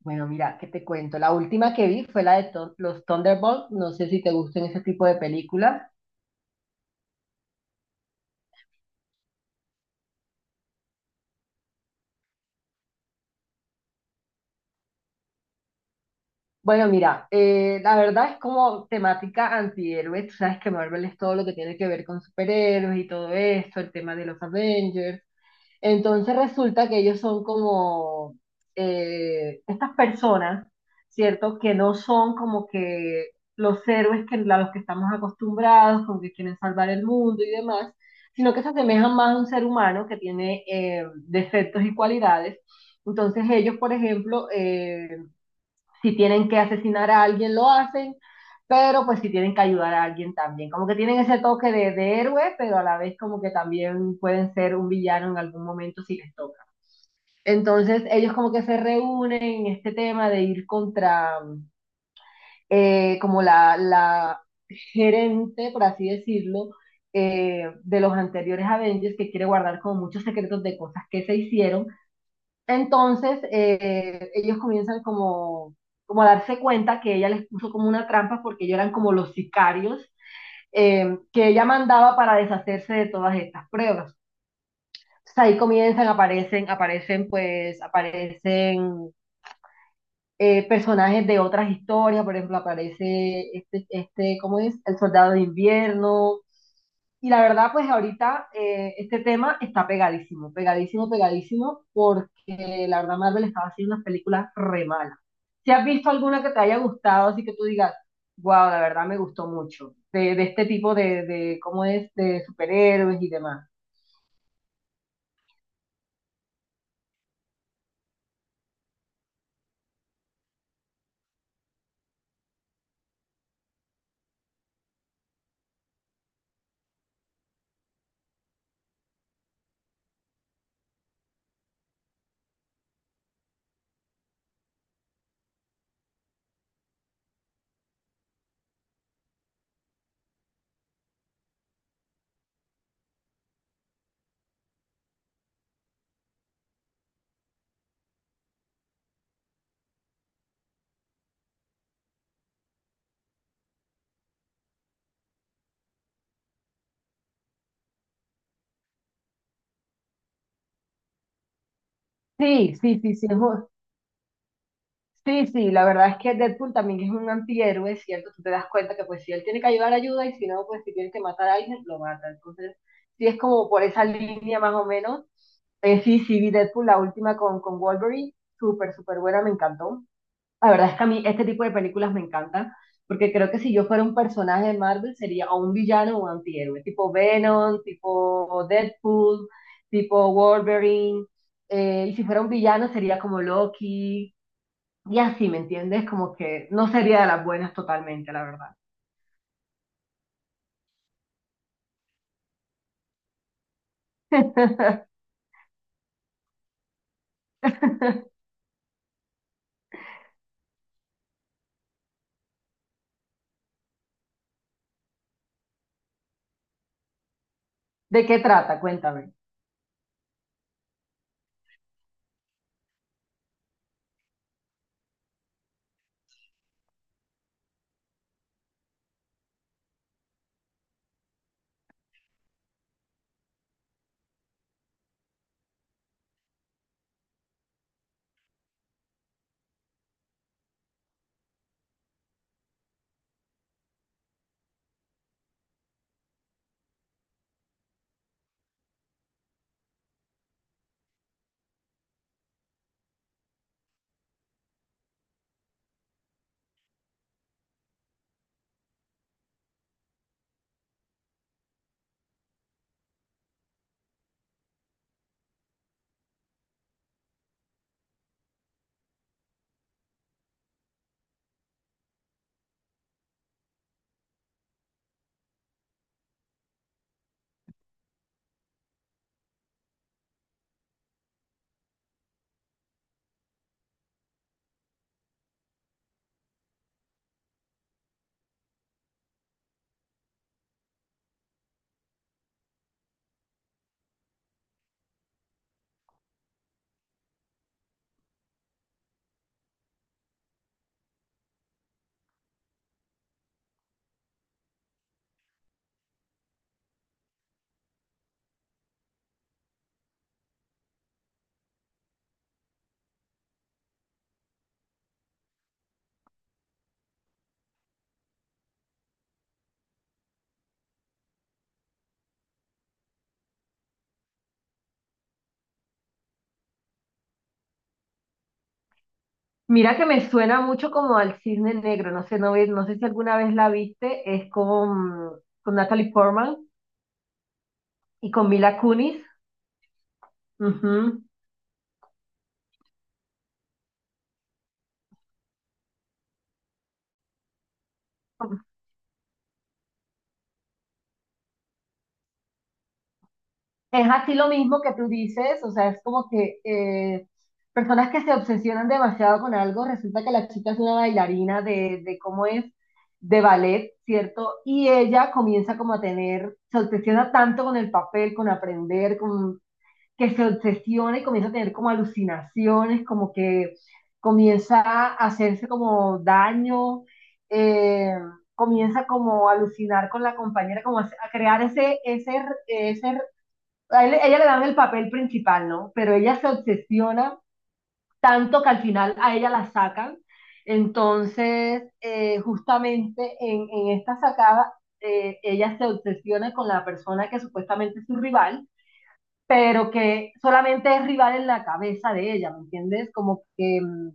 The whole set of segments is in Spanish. Bueno, mira, ¿qué te cuento? La última que vi fue la de los Thunderbolts. No sé si te gustan ese tipo de películas. Bueno, mira, la verdad es como temática antihéroe. Tú sabes que Marvel es todo lo que tiene que ver con superhéroes y todo esto, el tema de los Avengers. Entonces resulta que ellos son como estas personas, ¿cierto? Que no son como que los héroes a los que estamos acostumbrados, con que quieren salvar el mundo y demás, sino que se asemejan más a un ser humano que tiene defectos y cualidades. Entonces ellos, por ejemplo, si tienen que asesinar a alguien, lo hacen, pero pues si tienen que ayudar a alguien también. Como que tienen ese toque de héroe, pero a la vez como que también pueden ser un villano en algún momento si les toca. Entonces ellos como que se reúnen en este tema de ir contra como la gerente, por así decirlo, de los anteriores Avengers que quiere guardar como muchos secretos de cosas que se hicieron. Entonces, ellos comienzan como a darse cuenta que ella les puso como una trampa, porque ellos eran como los sicarios que ella mandaba para deshacerse de todas estas pruebas. Entonces, ahí comienzan, aparecen personajes de otras historias. Por ejemplo, aparece ¿cómo es? El soldado de invierno. Y la verdad, pues ahorita este tema está pegadísimo, pegadísimo, pegadísimo, porque la verdad Marvel estaba haciendo unas películas re malas. Si has visto alguna que te haya gustado, así que tú digas, wow, la verdad me gustó mucho, de este tipo ¿cómo es? De superhéroes y demás. Sí, sí, sí, sí, sí, sí, la verdad es que Deadpool también es un antihéroe, ¿cierto? Tú te das cuenta que pues si él tiene que ayudar, ayuda, y si no, pues si tiene que matar a alguien, lo mata. Entonces, sí, es como por esa línea más o menos. Sí, sí, vi Deadpool, la última con Wolverine, súper, súper buena, me encantó. La verdad es que a mí este tipo de películas me encantan, porque creo que si yo fuera un personaje de Marvel sería o un villano o un antihéroe, tipo Venom, tipo Deadpool, tipo Wolverine, y si fuera un villano sería como Loki, y así, ¿me entiendes? Como que no sería de las buenas totalmente, la verdad. ¿De qué trata? Cuéntame. Mira que me suena mucho como al Cisne Negro, no sé, no sé si alguna vez la viste, es con Natalie Portman y con Mila Kunis. Ujú. Es así lo mismo que tú dices, o sea, es como que personas que se obsesionan demasiado con algo. Resulta que la chica es una bailarina de cómo es, de ballet, ¿cierto? Y ella comienza como a tener, se obsesiona tanto con el papel, con aprender, con que se obsesiona y comienza a tener como alucinaciones, como que comienza a hacerse como daño, eh, comienza como a alucinar con la compañera, como a crear ese ella le dan el papel principal, ¿no? Pero ella se obsesiona tanto que al final a ella la sacan. Entonces, justamente esta sacada, ella se obsesiona con la persona que supuestamente es su rival, pero que solamente es rival en la cabeza de ella, ¿me entiendes? Como que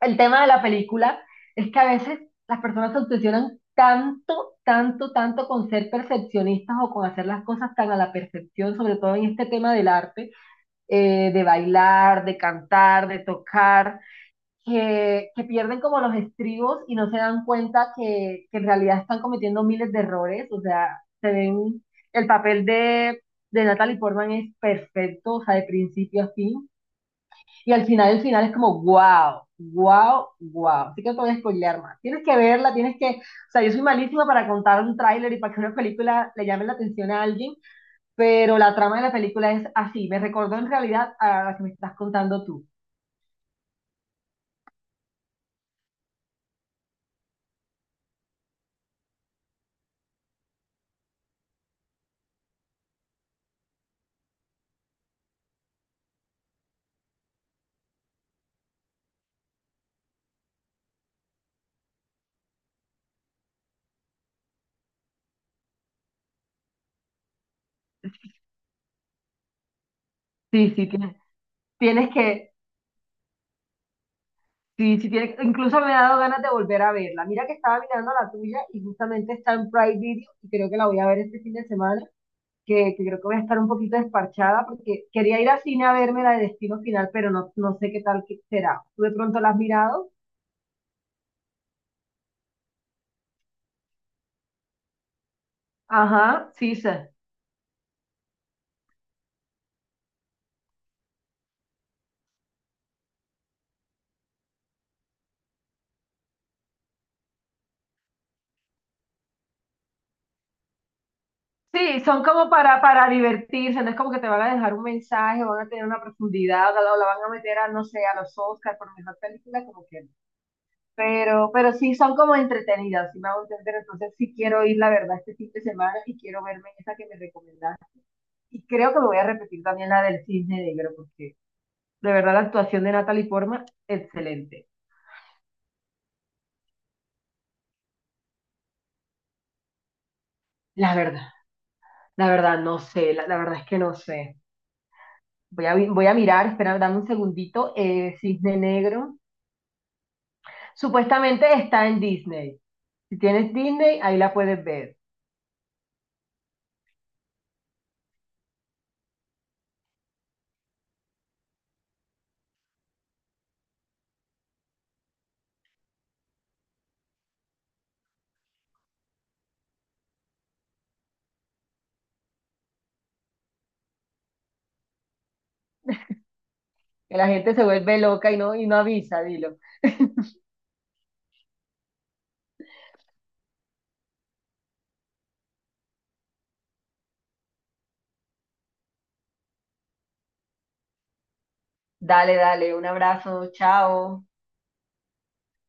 el tema de la película es que a veces las personas se obsesionan tanto, tanto, tanto con ser percepcionistas o con hacer las cosas tan a la perfección, sobre todo en este tema del arte, de bailar, de cantar, de tocar, que pierden como los estribos y no se dan cuenta que en realidad están cometiendo miles de errores. O sea, se ven, el papel de Natalie Portman es perfecto, o sea, de principio a fin, y al final, el final es como, wow, wow, wow. Así que no te voy a spoilear más, tienes que verla, tienes que, o sea, yo soy malísima para contar un tráiler y para que una película le llame la atención a alguien, pero la trama de la película es así, me recordó en realidad a la que me estás contando tú. sí, sí, tienes, tienes que. Sí, sí tiene, incluso me ha dado ganas de volver a verla. Mira que estaba mirando la tuya y justamente está en Prime Video y creo que la voy a ver este fin de semana, que creo que voy a estar un poquito desparchada porque quería ir al cine a verme la de Destino Final, pero no, no sé qué tal que será. ¿Tú de pronto la has mirado? Ajá, sí, sí. Sí, son como para divertirse, no es como que te van a dejar un mensaje, van a tener una profundidad, o o la van a meter a, no sé, a los Oscars por mejor película, como que. Pero sí son como entretenidas, sí me hago entender. Entonces sí quiero ir, la verdad, este fin de semana, y quiero verme esa que me recomendaste. Y creo que me voy a repetir también la del Cisne Negro, porque de verdad la actuación de Natalie Portman, excelente. La verdad, la verdad, no sé, la verdad es que no sé. Voy a mirar, espera, dame un segundito. Eh, Cisne Negro. Supuestamente está en Disney. Si tienes Disney, ahí la puedes ver. Que la gente se vuelve loca y no avisa, dilo. Dale, dale, un abrazo, chao.